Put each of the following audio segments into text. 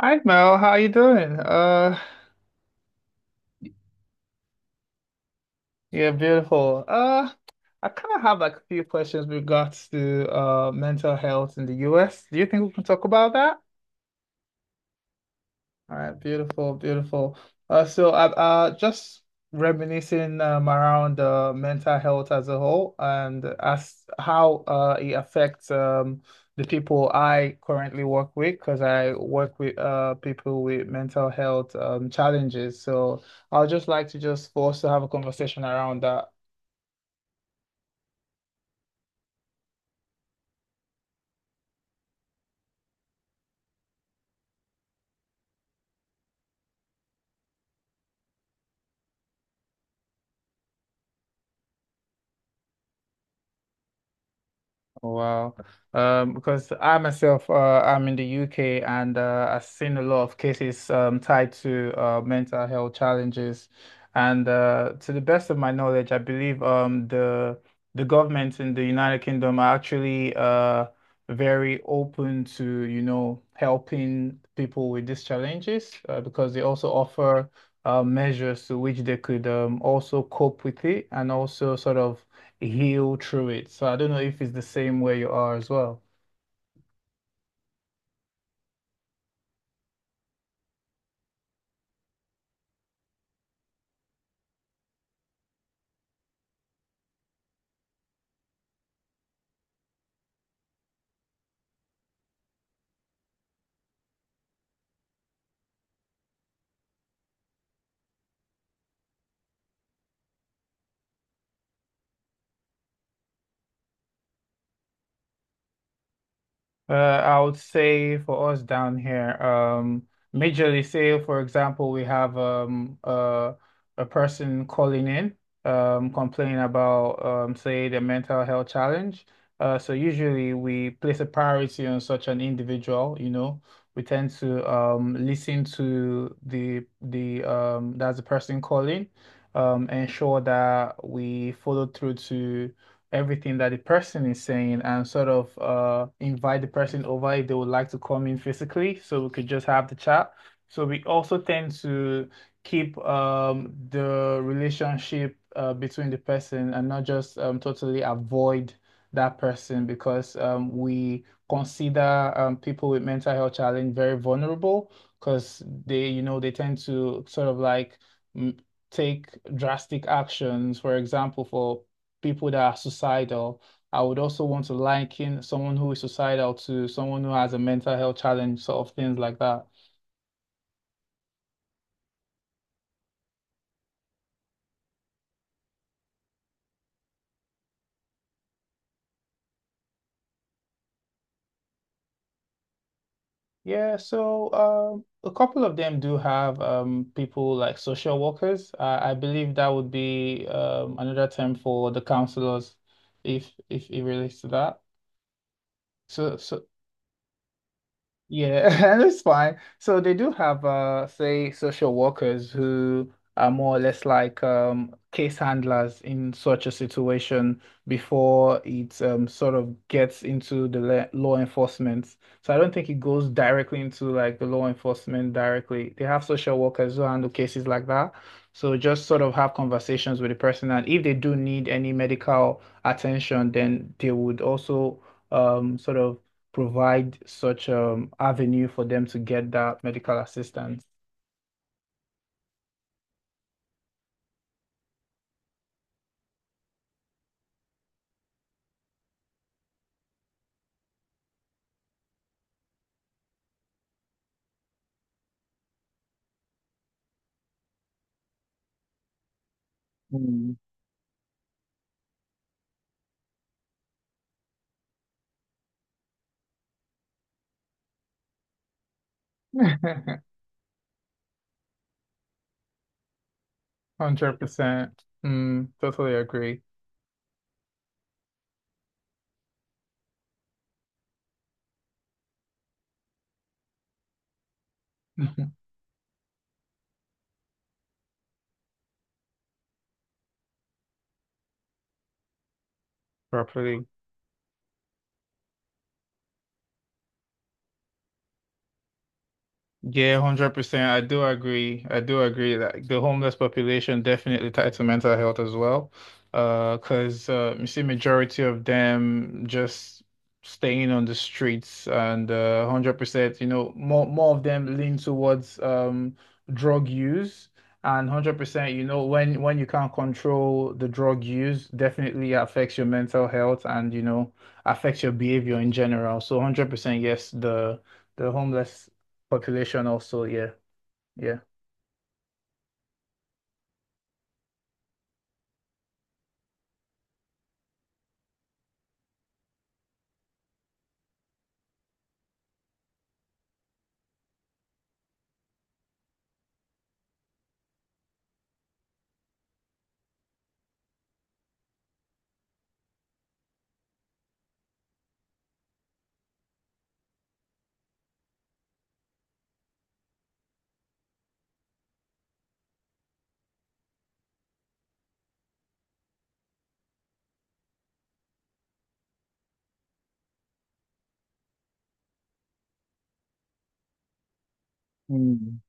Hi Mel, how you doing? Yeah, beautiful. I kind of have like a few questions with regards to mental health in the US. Do you think we can talk about that? All right, beautiful, beautiful. So I just reminiscing around mental health as a whole and as how it affects the people I currently work with because I work with people with mental health challenges. So I'll just like to just for us to have a conversation around that. Oh, wow. Because I myself, I'm in the UK and I've seen a lot of cases tied to mental health challenges. And to the best of my knowledge, I believe the government in the United Kingdom are actually very open to, you know, helping people with these challenges because they also offer measures to which they could also cope with it and also sort of heal through it. So I don't know if it's the same where you are as well. I would say for us down here, majorly say for example we have a person calling in complaining about say the mental health challenge. So usually we place a priority on such an individual, you know. We tend to listen to the, that's the person calling, ensure that we follow through to everything that the person is saying and sort of invite the person over if they would like to come in physically so we could just have the chat. So we also tend to keep the relationship between the person and not just totally avoid that person because we consider people with mental health challenge very vulnerable because they, you know, they tend to sort of like mm, take drastic actions. For example, for people that are suicidal. I would also want to liken someone who is suicidal to someone who has a mental health challenge, sort of things like that. Yeah, so a couple of them do have people like social workers. I believe that would be another term for the counselors, if it relates to that. So, so Yeah, and it's fine. So they do have say social workers who are more or less like case handlers in such a situation before it sort of gets into the law enforcement. So I don't think it goes directly into like the law enforcement directly. They have social workers who handle cases like that. So just sort of have conversations with the person and if they do need any medical attention, then they would also sort of provide such avenue for them to get that medical assistance. Mm. 100%. Mm, totally agree. Properly. Yeah, 100%. I do agree. I do agree that the homeless population definitely tied to mental health as well. 'Cause you see majority of them just staying on the streets and 100%, you know, more of them lean towards drug use and 100%, you know, when you can't control the drug use, definitely affects your mental health and, you know, affects your behavior in general. So 100% yes, the homeless population also, yeah, yeah. Mm,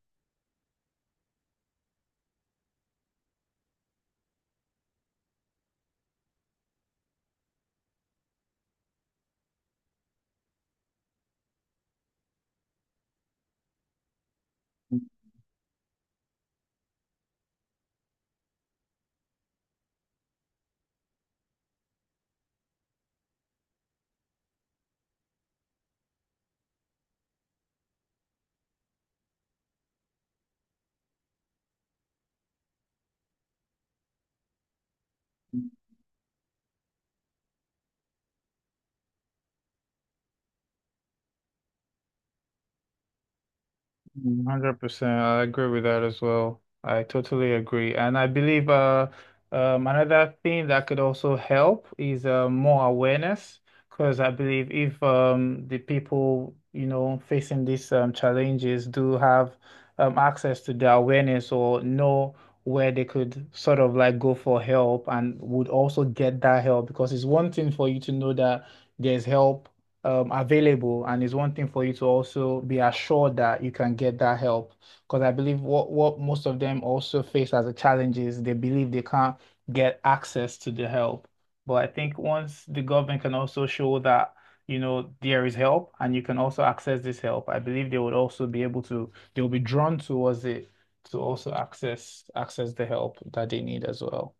100%. I agree with that as well. I totally agree. And I believe another thing that could also help is more awareness. Because I believe if the people, you know, facing these challenges do have access to the awareness or know where they could sort of like go for help and would also get that help. Because it's one thing for you to know that there's help available and it's one thing for you to also be assured that you can get that help because I believe what most of them also face as a challenge is they believe they can't get access to the help, but I think once the government can also show that, you know, there is help and you can also access this help, I believe they would also be able to, they'll be drawn towards it to also access the help that they need as well.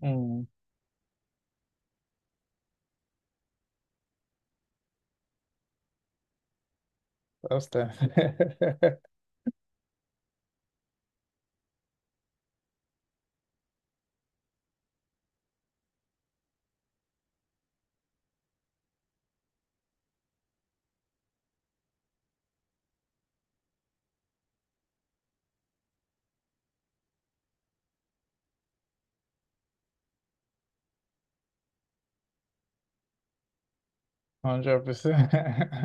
Hmm, Costa. 100%,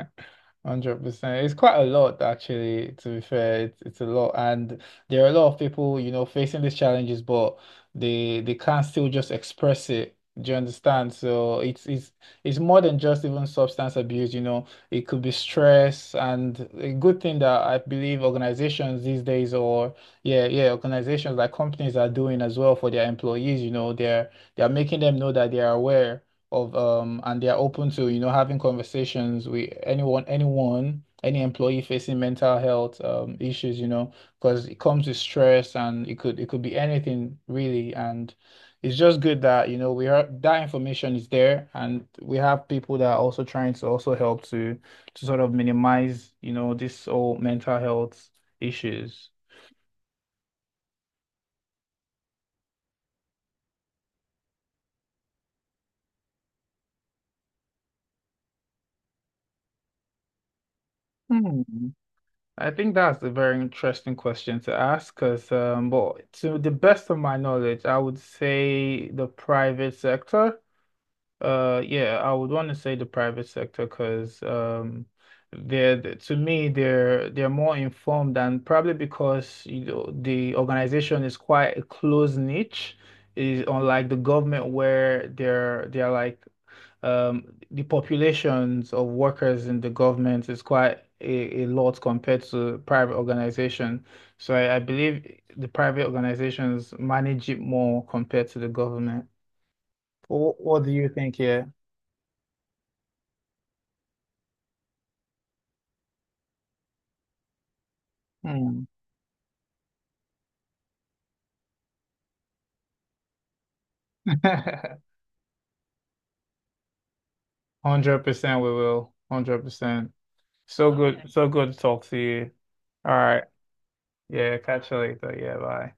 100%. It's quite a lot, actually. To be fair, it's a lot, and there are a lot of people, you know, facing these challenges, but they can't still just express it. Do you understand? So it's more than just even substance abuse. You know, it could be stress, and a good thing that I believe organizations these days, or yeah, yeah, organizations like companies are doing as well for their employees. You know, they're making them know that they are aware of and they are open to, you know, having conversations with anyone, any employee facing mental health issues, you know, because it comes with stress and it could be anything really, and it's just good that, you know, we are, that information is there and we have people that are also trying to also help to sort of minimize, you know, this whole mental health issues. Hmm. I think that's a very interesting question to ask because, but to the best of my knowledge, I would say the private sector. Yeah, I would want to say the private sector because, to me they're more informed and probably because, you know, the organization is quite a close niche, is unlike the government where they're like um, the populations of workers in the government is quite a lot compared to private organization. So I believe the private organizations manage it more compared to the government. What do you think here? Hmm. 100% we will. 100%. So okay, good. So good to talk to you. All right. Yeah, catch you later. Yeah, bye.